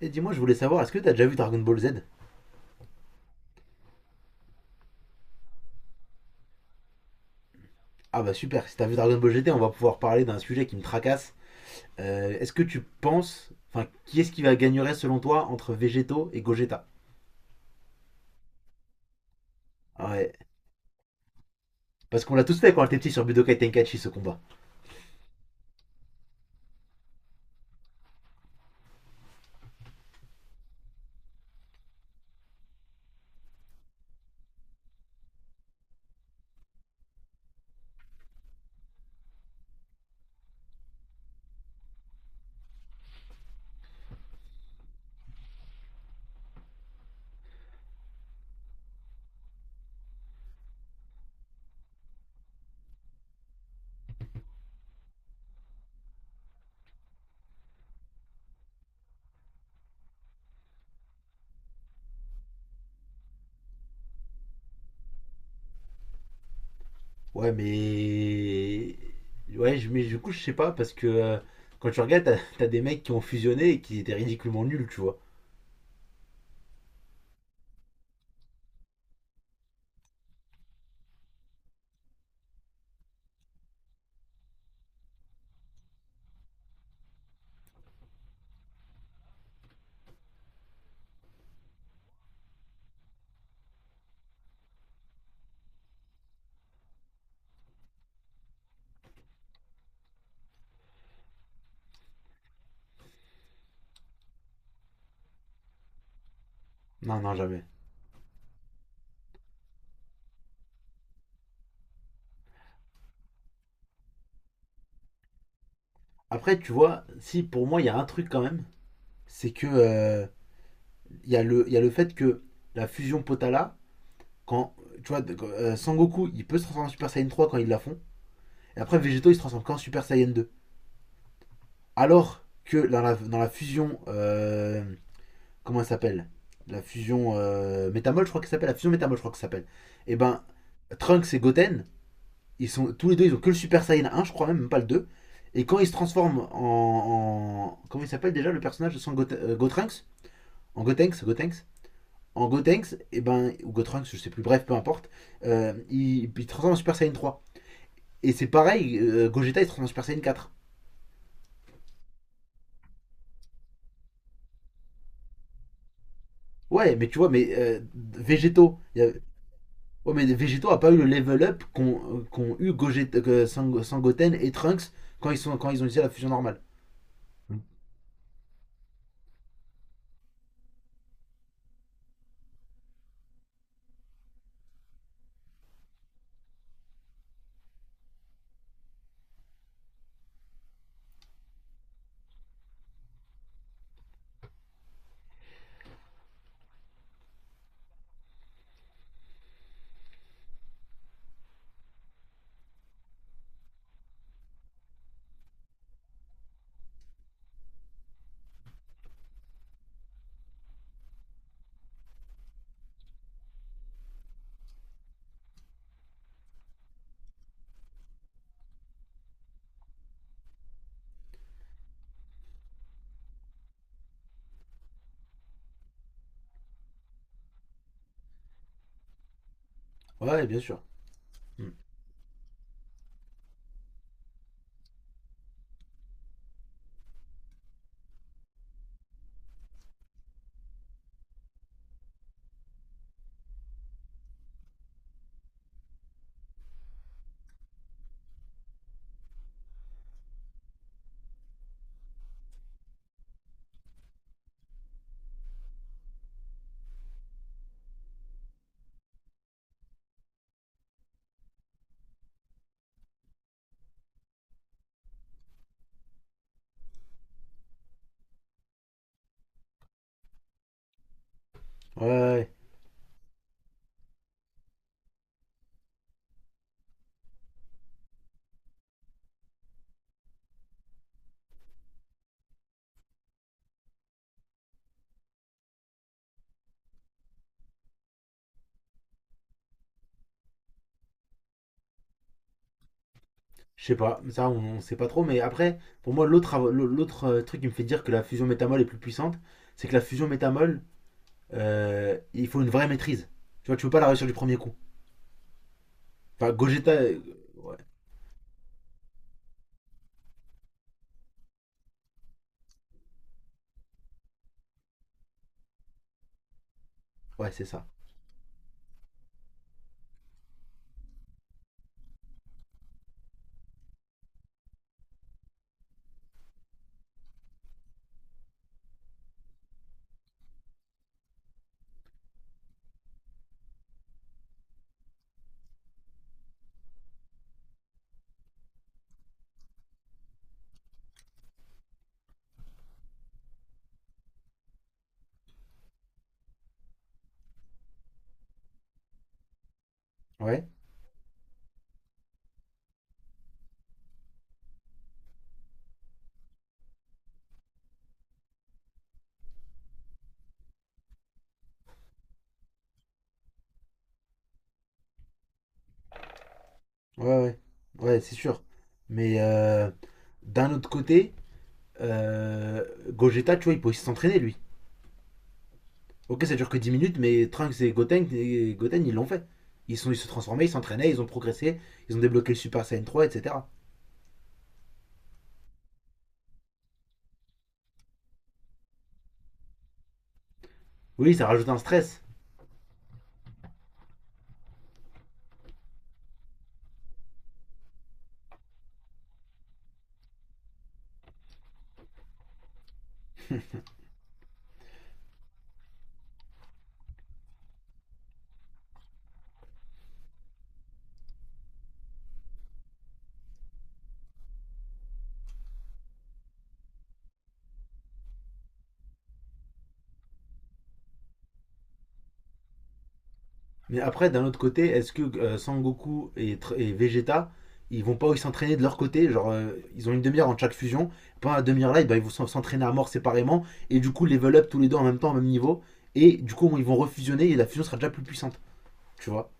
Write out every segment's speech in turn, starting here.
Et dis-moi, je voulais savoir, est-ce que t'as déjà vu Dragon Ball Z? Ah bah super, si t'as vu Dragon Ball GT, on va pouvoir parler d'un sujet qui me tracasse. Est-ce que tu penses, enfin, qui est-ce qui va gagnerait selon toi entre Vegeto et Gogeta? Ah ouais, parce qu'on l'a tous fait quand on était petit sur Budokai Tenkaichi ce combat. Ouais, mais. Ouais, mais du coup, je sais pas, parce que quand tu regardes, t'as des mecs qui ont fusionné et qui étaient ridiculement nuls, tu vois. Non, non, jamais. Après, tu vois, si pour moi, il y a un truc quand même, c'est que il il y a le fait que la fusion Potala, quand, tu vois, Sangoku, il peut se transformer en Super Saiyan 3 quand ils la font. Et après, Végéto, il se transforme qu'en Super Saiyan 2. Alors que dans dans la fusion, comment elle s'appelle? La fusion Métamol, je crois qu'elle s'appelle. La fusion Métamol, je crois qu'elle s'appelle. Et ben, Trunks et Goten, tous les deux, ils ont que le Super Saiyan 1, je crois même, même pas le 2. Et quand ils se transforment en comment il s'appelle déjà le personnage de Gotrunks? En Gotenks, en Gotenks, et ben, ou Gotrunks, je sais plus, bref, peu importe, il transforme en Super Saiyan 3. Et c'est pareil, Gogeta il se transforme en Super Saiyan 4. Ouais, mais tu vois, mais Végétaux. Ouais, mais Végétaux a pas eu le level up qu'ont eu Gogeta, que Sangoten et Trunks quand quand ils ont utilisé la fusion normale. Mm. Ouais, bien sûr. Mm. Ouais, ouais. Je sais pas. Ça, on sait pas trop. Mais après, pour moi, l'autre truc qui me fait dire que la fusion métamol est plus puissante, c'est que la fusion métamol, il faut une vraie maîtrise. Tu vois, tu peux pas la réussir du premier coup. Enfin, Gogeta. Ouais, ouais c'est ça. Ouais. Ouais, ouais, ouais, c'est sûr. Mais d'un autre côté, euh, Gogeta, tu vois, il peut aussi s'entraîner, lui. Ok, ça dure que 10 minutes, mais Trunks et Goten, ils l'ont fait. Ils se transformaient, ils s'entraînaient, ils ont progressé, ils ont débloqué le Super Saiyan 3, etc. Oui, ça rajoute un stress. Mais après, d'un autre côté, est-ce que Sangoku et, et Vegeta, ils vont pas aussi s'entraîner de leur côté? Genre, ils ont une demi-heure en chaque fusion. Pendant la demi-heure-là, eh ben, ils vont s'entraîner à mort séparément. Et du coup, level up tous les deux en même temps, au même niveau. Et du coup, ils vont refusionner et la fusion sera déjà plus puissante. Tu vois?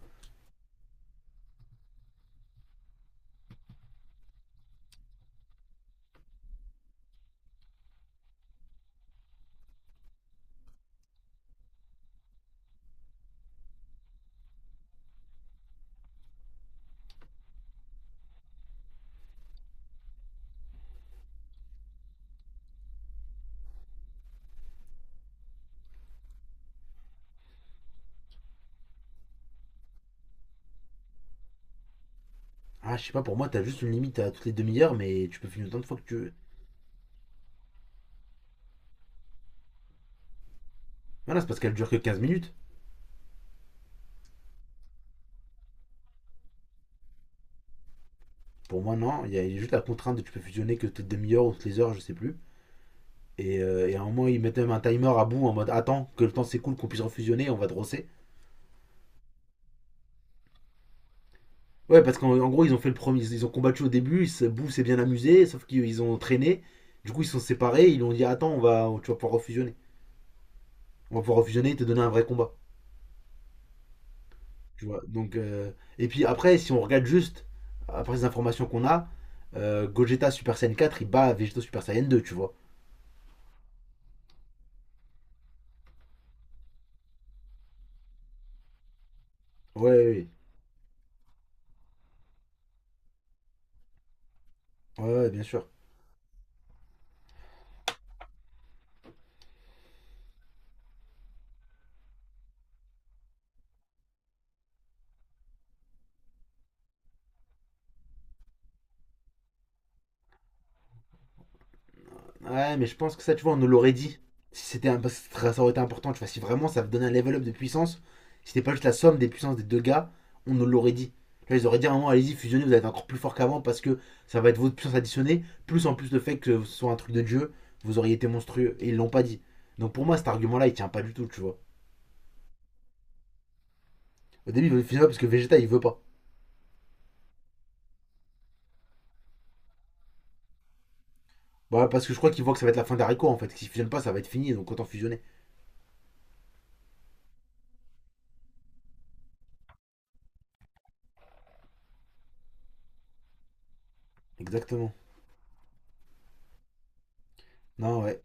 Ah, je sais pas, pour moi, t'as juste une limite à toutes les demi-heures, mais tu peux finir autant de fois que tu veux. Voilà, c'est parce qu'elle dure que 15 minutes. Pour moi, non. Il y a juste la contrainte de tu peux fusionner que toutes les demi-heures ou toutes les heures, je sais plus. Et à un moment, ils mettent même un timer à bout en mode attends que le temps s'écoule, qu'on puisse refusionner, on va te rosser. Ouais, parce qu'en en gros, ils ont fait le premier, ils ont combattu au début, Boo s'est bien amusé, sauf qu'ils ont traîné. Du coup, ils se sont séparés, ils lui ont dit attends, tu vas pouvoir refusionner. On va pouvoir refusionner et te donner un vrai combat. Tu vois, donc. Et puis après, si on regarde juste, après les informations qu'on a, Gogeta Super Saiyan 4, il bat Vegeta Super Saiyan 2, tu vois. Ouais, ouais, ouais, ouais, ouais, bien sûr. Ouais, mais je pense que ça, tu vois, on nous l'aurait dit. Si c'était un... parce que ça aurait été important, tu vois, si vraiment ça donnait un level up de puissance, si c'était pas juste la somme des puissances des deux gars, on nous l'aurait dit. Là, ils auraient dit à un moment, allez-y, fusionnez, vous allez être encore plus fort qu'avant parce que ça va être votre puissance additionnée, plus en plus le fait que ce soit un truc de dieu, vous auriez été monstrueux. Et ils l'ont pas dit. Donc pour moi, cet argument-là, il tient pas du tout, tu vois. Au début, ils veulent fusionner parce que Vegeta, il veut pas. Bah, parce que je crois qu'ils voient que ça va être la fin d'Arico en fait. S'ils fusionnent pas, ça va être fini, donc autant fusionner. Exactement. Non, ouais.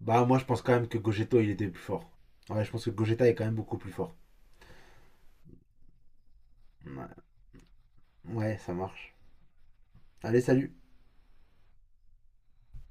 Bah, moi, je pense quand même que Gogeta il était plus fort. Ouais, je pense que Gogeta est quand même beaucoup plus fort. Ouais, ouais ça marche. Allez, salut.